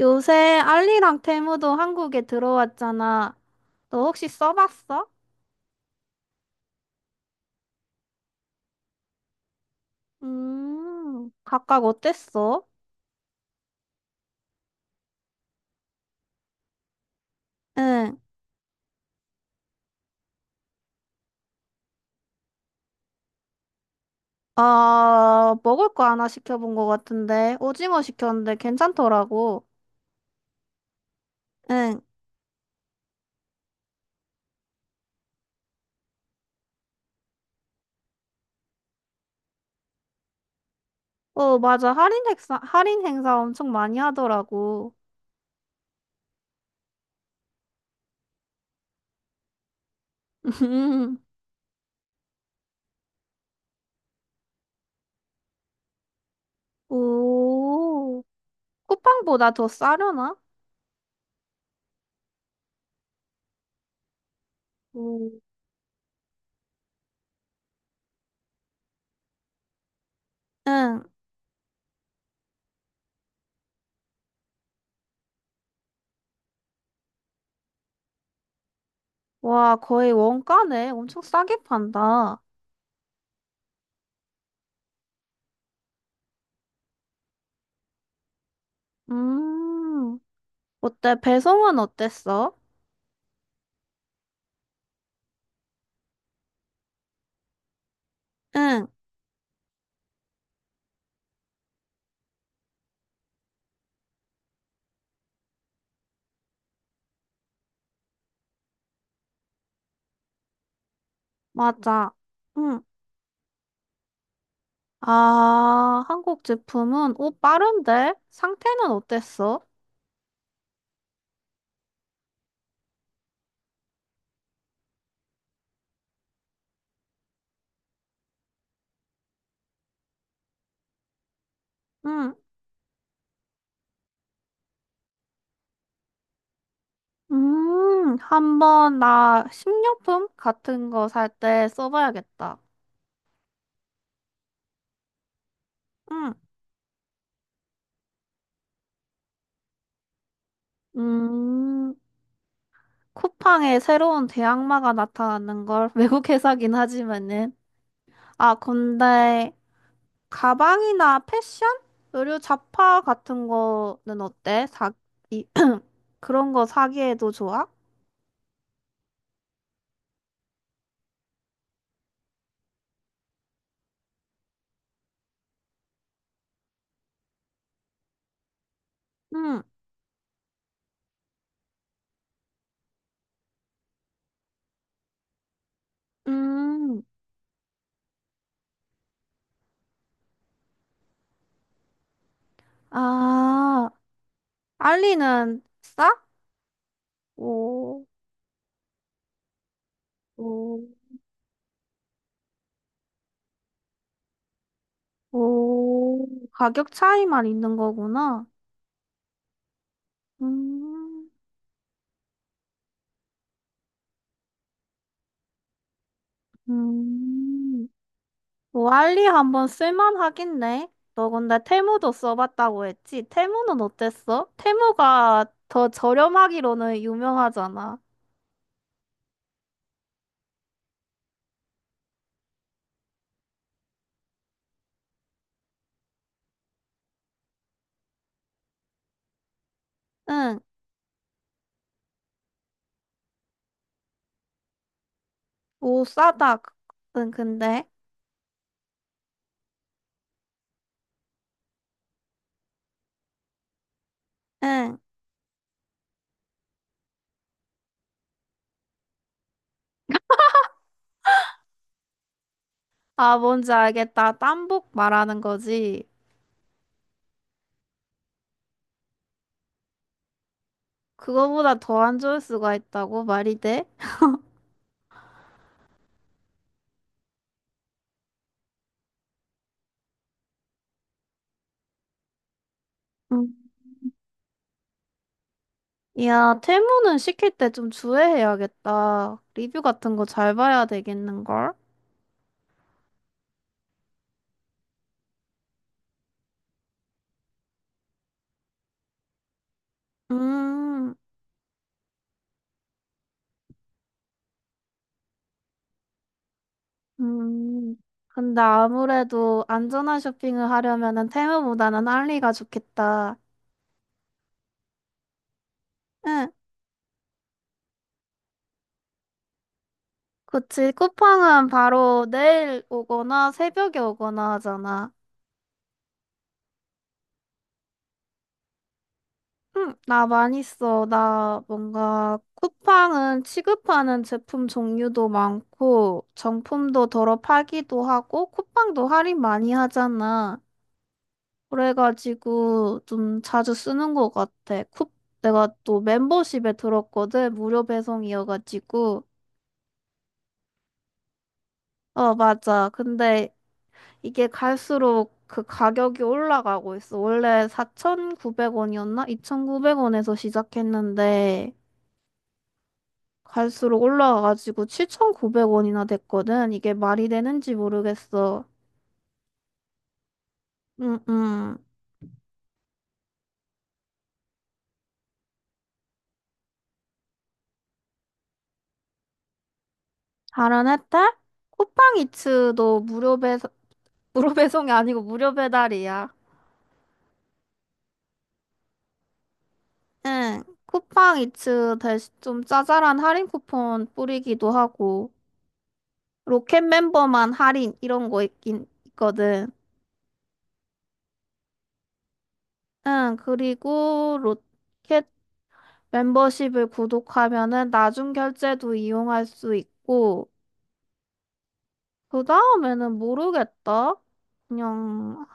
요새 알리랑 테무도 한국에 들어왔잖아. 너 혹시 써봤어? 각각 어땠어? 응. 아, 먹을 거 하나 시켜본 거 같은데. 오징어 시켰는데 괜찮더라고. 응. 어, 맞아. 할인 행사, 할인 행사 엄청 많이 하더라고. 오, 쿠팡보다 더 싸려나? 오. 응. 와, 거의 원가네. 엄청 싸게 판다. 음. 어때? 배송은 어땠어? 응, 맞아. 응. 아, 한국 제품은, 오, 빠른데? 상태는 어땠어? 응. 한번 나 식료품 같은 거 살 때 써봐야겠다. 응. 음, 쿠팡에 새로운 대항마가 나타나는 걸 외국 회사긴 하지만은. 아, 근데 가방이나 패션? 의류 잡화 같은 거는 어때? 사, 이, 그런 거 사기에도 좋아? 응. 음. 아, 알리는 싸? 오, 오, 오. 가격 차이만 있는 거구나. 음, 음. 뭐, 알리 한번 쓸만하겠네. 너 근데 테무도 써봤다고 했지? 테무는 어땠어? 테무가 더 저렴하기로는 유명하잖아. 응, 오, 싸다. 그, 응, 근데. 응. 아, 뭔지 알겠다. 땀복 말하는 거지. 그거보다 더 안 좋을 수가 있다고 말이 돼? 음. 야, 테무는 시킬 때 좀 주의해야겠다. 리뷰 같은 거 잘 봐야 되겠는걸? 음, 음. 근데 아무래도 안전한 쇼핑을 하려면은 테무보다는 알리가 좋겠다. 응, 그치. 쿠팡은 바로 내일 오거나 새벽에 오거나 하잖아. 응, 나 많이 써. 나 뭔가 쿠팡은 취급하는 제품 종류도 많고, 정품도 덜어 팔기도 하고, 쿠팡도 할인 많이 하잖아. 그래가지고 좀 자주 쓰는 것 같아. 쿠, 내가 또 멤버십에 들었거든. 무료 배송이어가지고. 어, 맞아. 근데 이게 갈수록 그 가격이 올라가고 있어. 원래 4,900원이었나? 2,900원에서 시작했는데, 갈수록 올라가가지고 7,900원이나 됐거든. 이게 말이 되는지 모르겠어. 음, 음. 다른 혜택? 쿠팡이츠도 무료 배송, 무료 배송이 아니고 무료 배달이야. 응. 쿠팡이츠 대신 좀 짜잘한 할인 쿠폰 뿌리기도 하고, 로켓 멤버만 할인 이런 거 있긴 있거든. 응. 그리고 로켓 멤버십을 구독하면은 나중 결제도 이용할 수 있고, 그 다음에는 모르겠다. 그냥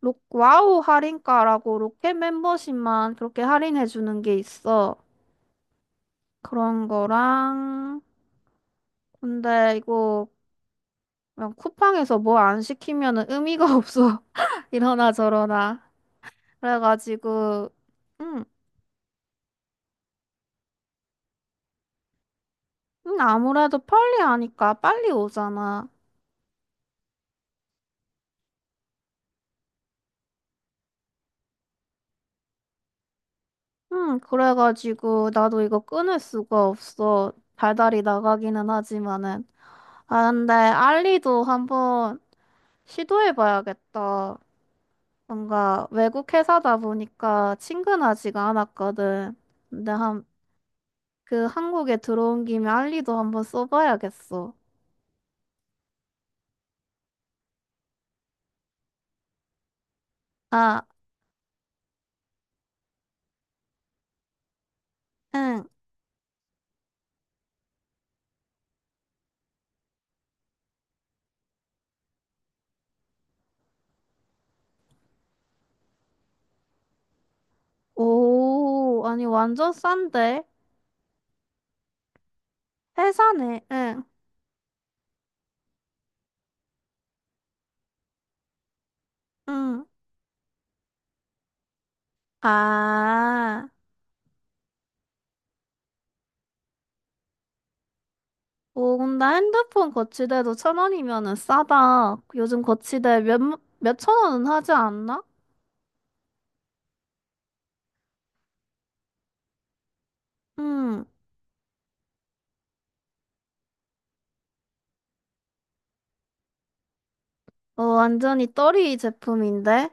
로, 와우 할인가라고 로켓 멤버십만 그렇게 할인해 주는 게 있어. 그런 거랑 근데 이거 그냥 쿠팡에서 뭐 안 시키면은 의미가 없어. 이러나 저러나. 그래가지고 음, 아무래도 빨리 하니까 빨리 오잖아. 그래가지고 나도 이거 끊을 수가 없어. 달달이 나가기는 하지만은. 아, 근데 알리도 한번 시도해봐야겠다. 뭔가 외국 회사다 보니까 친근하지가 않았거든. 근데 한, 그 한국에 들어온 김에 알리도 한번 써봐야겠어. 아, 응. 오, 아니 완전 싼데? 회사네, 응, 응. 아, 오, 근데 핸드폰 거치대도 천 원이면은 싸다. 요즘 거치대 몇, 몇천 원은 하지 않나? 응. 어, 완전히 떨이 제품인데?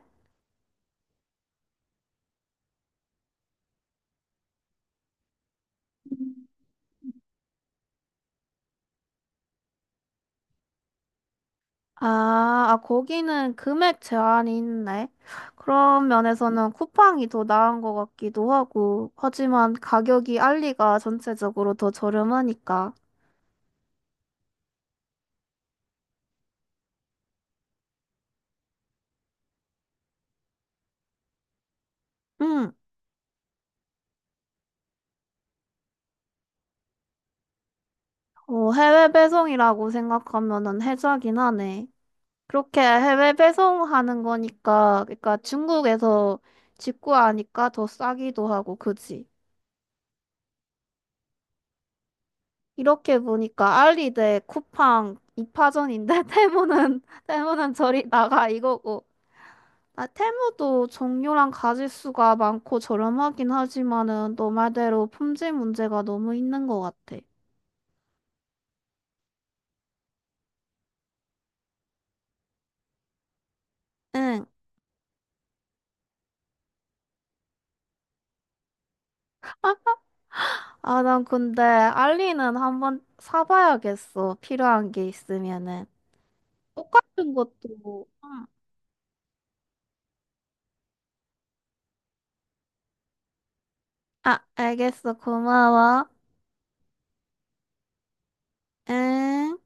아, 아, 거기는 금액 제한이 있네. 그런 면에서는 쿠팡이 더 나은 것 같기도 하고, 하지만 가격이 알리가 전체적으로 더 저렴하니까. 응, 어, 해외 배송이라고 생각하면은 혜자긴 하네. 그렇게 해외 배송하는 거니까, 그러니까 중국에서 직구하니까 더 싸기도 하고, 그지? 이렇게 보니까 알리 대 쿠팡 2파전인데, 테무는, 테무는 저리 나가 이거고. 아, 테무도 종류랑 가짓수가 많고 저렴하긴 하지만은 너 말대로 품질 문제가 너무 있는 것 같아. 응. 아, 난 근데 알리는 한번 사봐야겠어. 필요한 게 있으면은. 똑같은 것도. 응. 아, 알겠어. 고마워. 응.